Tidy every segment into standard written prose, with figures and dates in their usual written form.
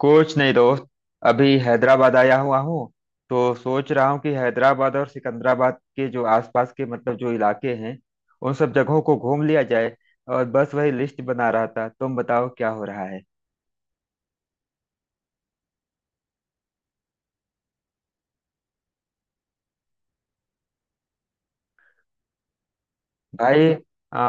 कुछ नहीं दोस्त। अभी हैदराबाद आया हुआ हूँ। तो सोच रहा हूँ कि हैदराबाद और सिकंदराबाद के जो आसपास के मतलब जो इलाके हैं उन सब जगहों को घूम लिया जाए। और बस वही लिस्ट बना रहा था। तुम बताओ क्या हो रहा है। भाई आ,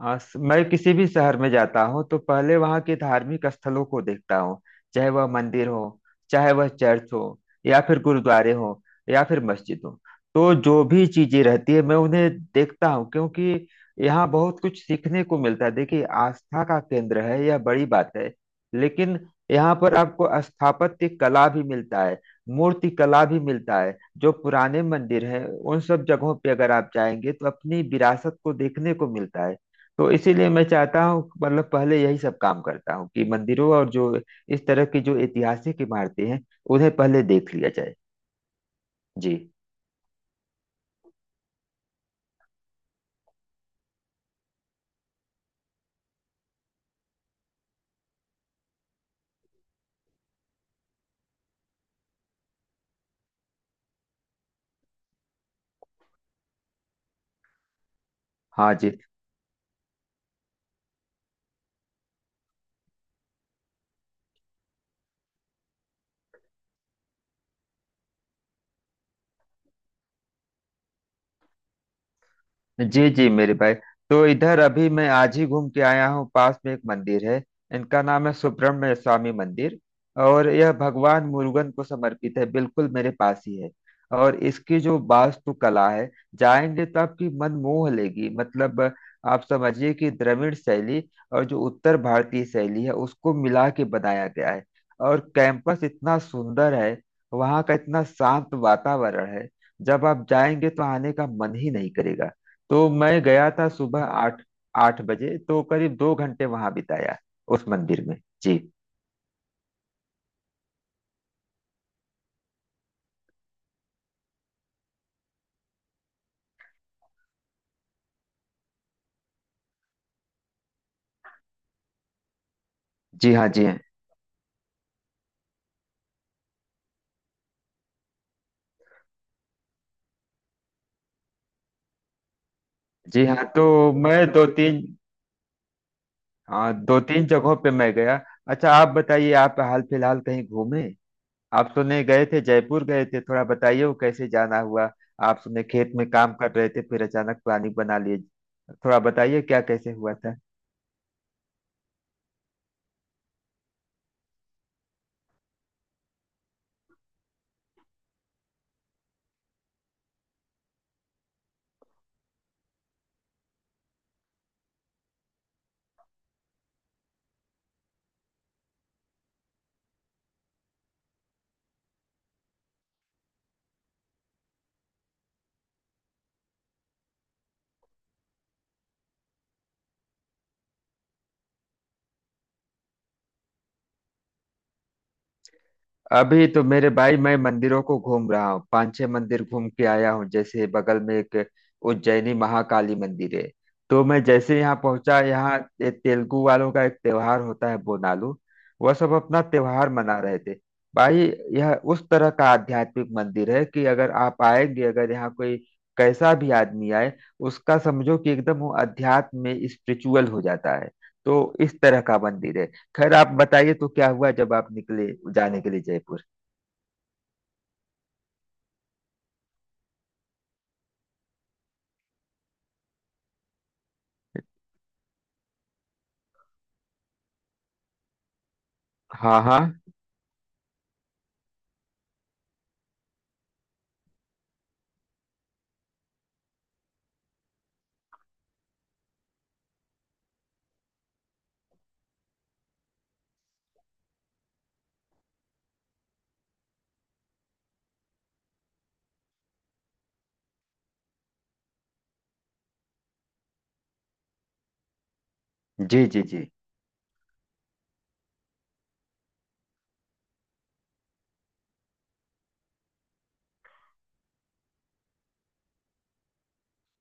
आ, स- मैं किसी भी शहर में जाता हूँ तो पहले वहाँ के धार्मिक स्थलों को देखता हूँ। चाहे वह मंदिर हो, चाहे वह चर्च हो, या फिर गुरुद्वारे हो, या फिर मस्जिद हो। तो जो भी चीजें रहती है मैं उन्हें देखता हूँ, क्योंकि यहाँ बहुत कुछ सीखने को मिलता है। देखिए आस्था का केंद्र है, यह बड़ी बात है। लेकिन यहाँ पर आपको स्थापत्य कला भी मिलता है, मूर्ति कला भी मिलता है। जो पुराने मंदिर हैं उन सब जगहों पे अगर आप जाएंगे तो अपनी विरासत को देखने को मिलता है। तो इसीलिए मैं चाहता हूँ, मतलब पहले यही सब काम करता हूँ कि मंदिरों और जो इस तरह की जो ऐतिहासिक इमारतें हैं उन्हें पहले देख लिया जाए। जी हाँ। जी जी जी मेरे भाई। तो इधर अभी मैं आज ही घूम के आया हूँ। पास में एक मंदिर है, इनका नाम है सुब्रह्मण्य स्वामी मंदिर। और यह भगवान मुरुगन को समर्पित है, बिल्कुल मेरे पास ही है। और इसकी जो वास्तुकला है, जाएंगे तो आपकी मन मोह लेगी। मतलब आप समझिए कि द्रविड़ शैली और जो उत्तर भारतीय शैली है उसको मिला के बनाया गया है। और कैंपस इतना सुंदर है, वहाँ का इतना शांत वातावरण है, जब आप जाएंगे तो आने का मन ही नहीं करेगा। तो मैं गया था सुबह आठ, 8 बजे तो करीब 2 घंटे वहां बिताया उस मंदिर में। जी। जी हाँ, जी हाँ, जी हाँ। तो मैं दो तीन, हाँ दो तीन जगहों पे मैं गया। अच्छा आप बताइए, आप हाल फिलहाल कहीं घूमे? आप सुने, गए थे जयपुर? गए थे, थोड़ा बताइए वो कैसे जाना हुआ। आप सुने खेत में काम कर रहे थे फिर अचानक प्लानिंग बना लिए, थोड़ा बताइए क्या कैसे हुआ था? अभी तो मेरे भाई मैं मंदिरों को घूम रहा हूँ, पांच छह मंदिर घूम के आया हूँ। जैसे बगल में एक उज्जैनी महाकाली मंदिर है। तो मैं जैसे यहाँ पहुंचा, यहाँ ये तेलुगु वालों का एक त्योहार होता है, बोनालू। वह सब अपना त्योहार मना रहे थे। भाई यह उस तरह का आध्यात्मिक मंदिर है कि अगर आप आएंगे, अगर यहाँ कोई कैसा भी आदमी आए, उसका समझो कि एकदम वो अध्यात्म में स्पिरिचुअल हो जाता है। तो इस तरह का मंदिर है। खैर आप बताइए तो क्या हुआ जब आप निकले जाने के लिए जयपुर? हाँ हाँ जी। जी जी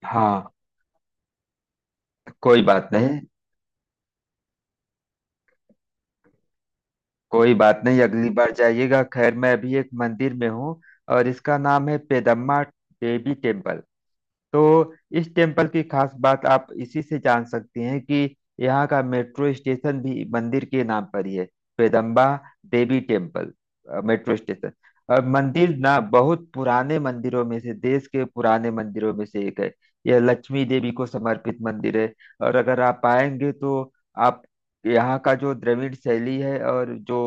हाँ। कोई बात नहीं। कोई बात नहीं, अगली बार जाइएगा। खैर मैं अभी एक मंदिर में हूँ और इसका नाम है पेदम्मा देवी टेम्पल। तो इस टेम्पल की खास बात आप इसी से जान सकती हैं कि यहाँ का मेट्रो स्टेशन भी मंदिर के नाम पर ही है, Peddamma Devi temple metro station. और मंदिर ना बहुत पुराने मंदिरों में से, देश के पुराने मंदिरों में से एक है। यह लक्ष्मी देवी को समर्पित मंदिर है। और अगर आप आएंगे तो आप यहाँ का जो द्रविड़ शैली है और जो,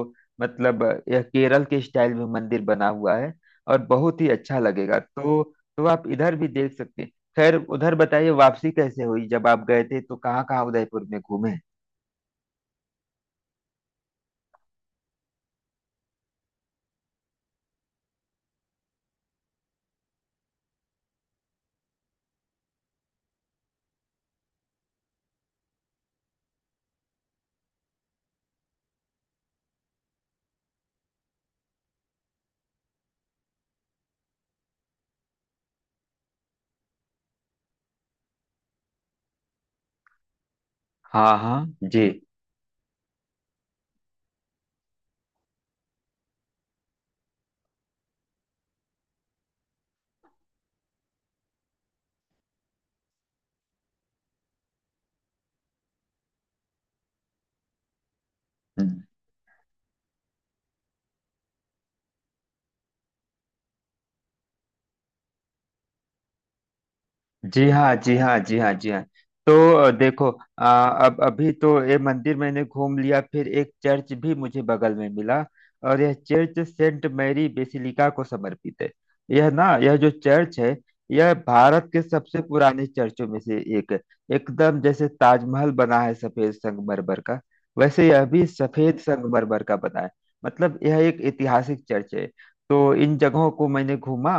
मतलब यह केरल के स्टाइल में मंदिर बना हुआ है और बहुत ही अच्छा लगेगा। तो आप इधर भी देख सकते हैं। खैर उधर बताइए वापसी कैसे हुई, जब आप गए थे तो कहाँ कहाँ उदयपुर में घूमे? हाँ हाँ जी जी हाँ जी हाँ जी हाँ जी हाँ। तो देखो, अब अभी तो ये मंदिर मैंने घूम लिया, फिर एक चर्च भी मुझे बगल में मिला और यह चर्च सेंट मैरी बेसिलिका को समर्पित है। यह ना, यह जो चर्च है, यह भारत के सबसे पुराने चर्चों में से एक है। एकदम जैसे ताजमहल बना है सफेद संगमरमर का, वैसे यह भी सफेद संगमरमर का बना है। मतलब यह एक ऐतिहासिक चर्च है। तो इन जगहों को मैंने घूमा।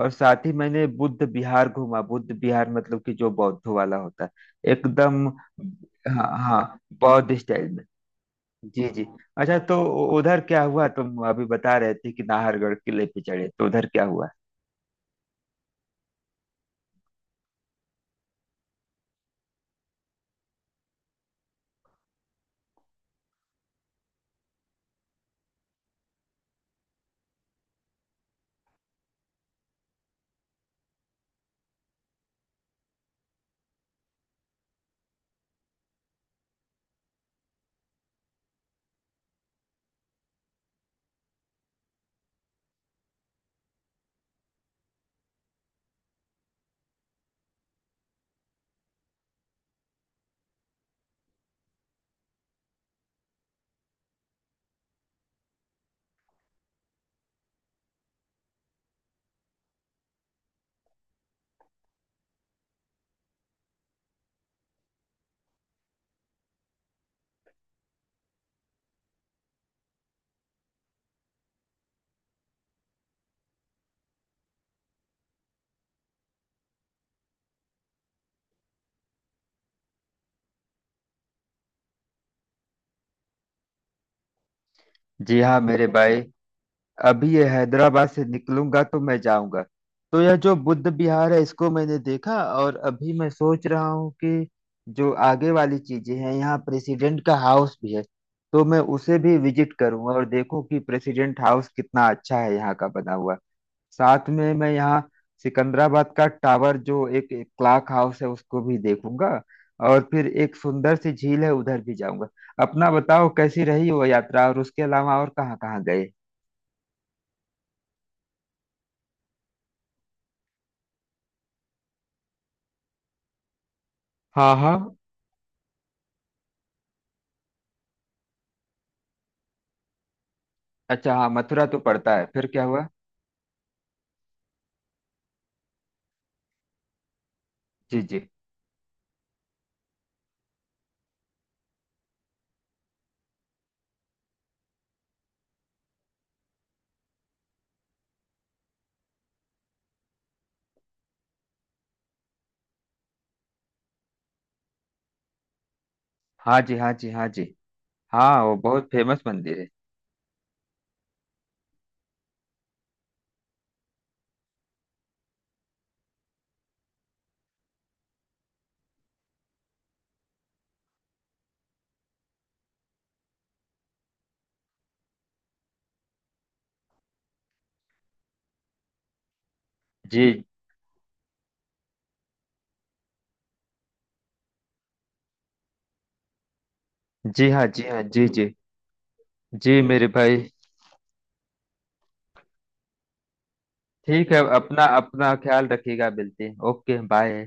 और साथ ही मैंने बुद्ध विहार घूमा, बुद्ध विहार मतलब कि जो बौद्धों वाला होता है, एकदम। हाँ हाँ बौद्ध स्टाइल में। जी जी। अच्छा तो उधर क्या हुआ, तुम अभी बता रहे थे कि नाहरगढ़ किले पे चढ़े, तो उधर क्या हुआ? जी हाँ मेरे भाई। अभी ये हैदराबाद से निकलूंगा तो मैं जाऊंगा। तो यह जो बुद्ध विहार है इसको मैंने देखा, और अभी मैं सोच रहा हूँ कि जो आगे वाली चीजें हैं, यहाँ प्रेसिडेंट का हाउस भी है। तो मैं उसे भी विजिट करूंगा और देखूं कि प्रेसिडेंट हाउस कितना अच्छा है यहाँ का बना हुआ। साथ में मैं यहाँ सिकंदराबाद का टावर जो एक क्लॉक हाउस है उसको भी देखूंगा। और फिर एक सुंदर सी झील है उधर भी जाऊंगा। अपना बताओ कैसी रही वो यात्रा, और उसके अलावा और कहाँ कहाँ गए? हाँ हाँ। अच्छा हाँ, मथुरा तो पड़ता है, फिर क्या हुआ? जी जी हाँ जी हाँ जी हाँ जी हाँ। वो बहुत फेमस मंदिर है। जी जी हाँ जी हाँ जी जी जी मेरे भाई। ठीक है, अपना अपना ख्याल रखिएगा, मिलते हैं। Okay bye.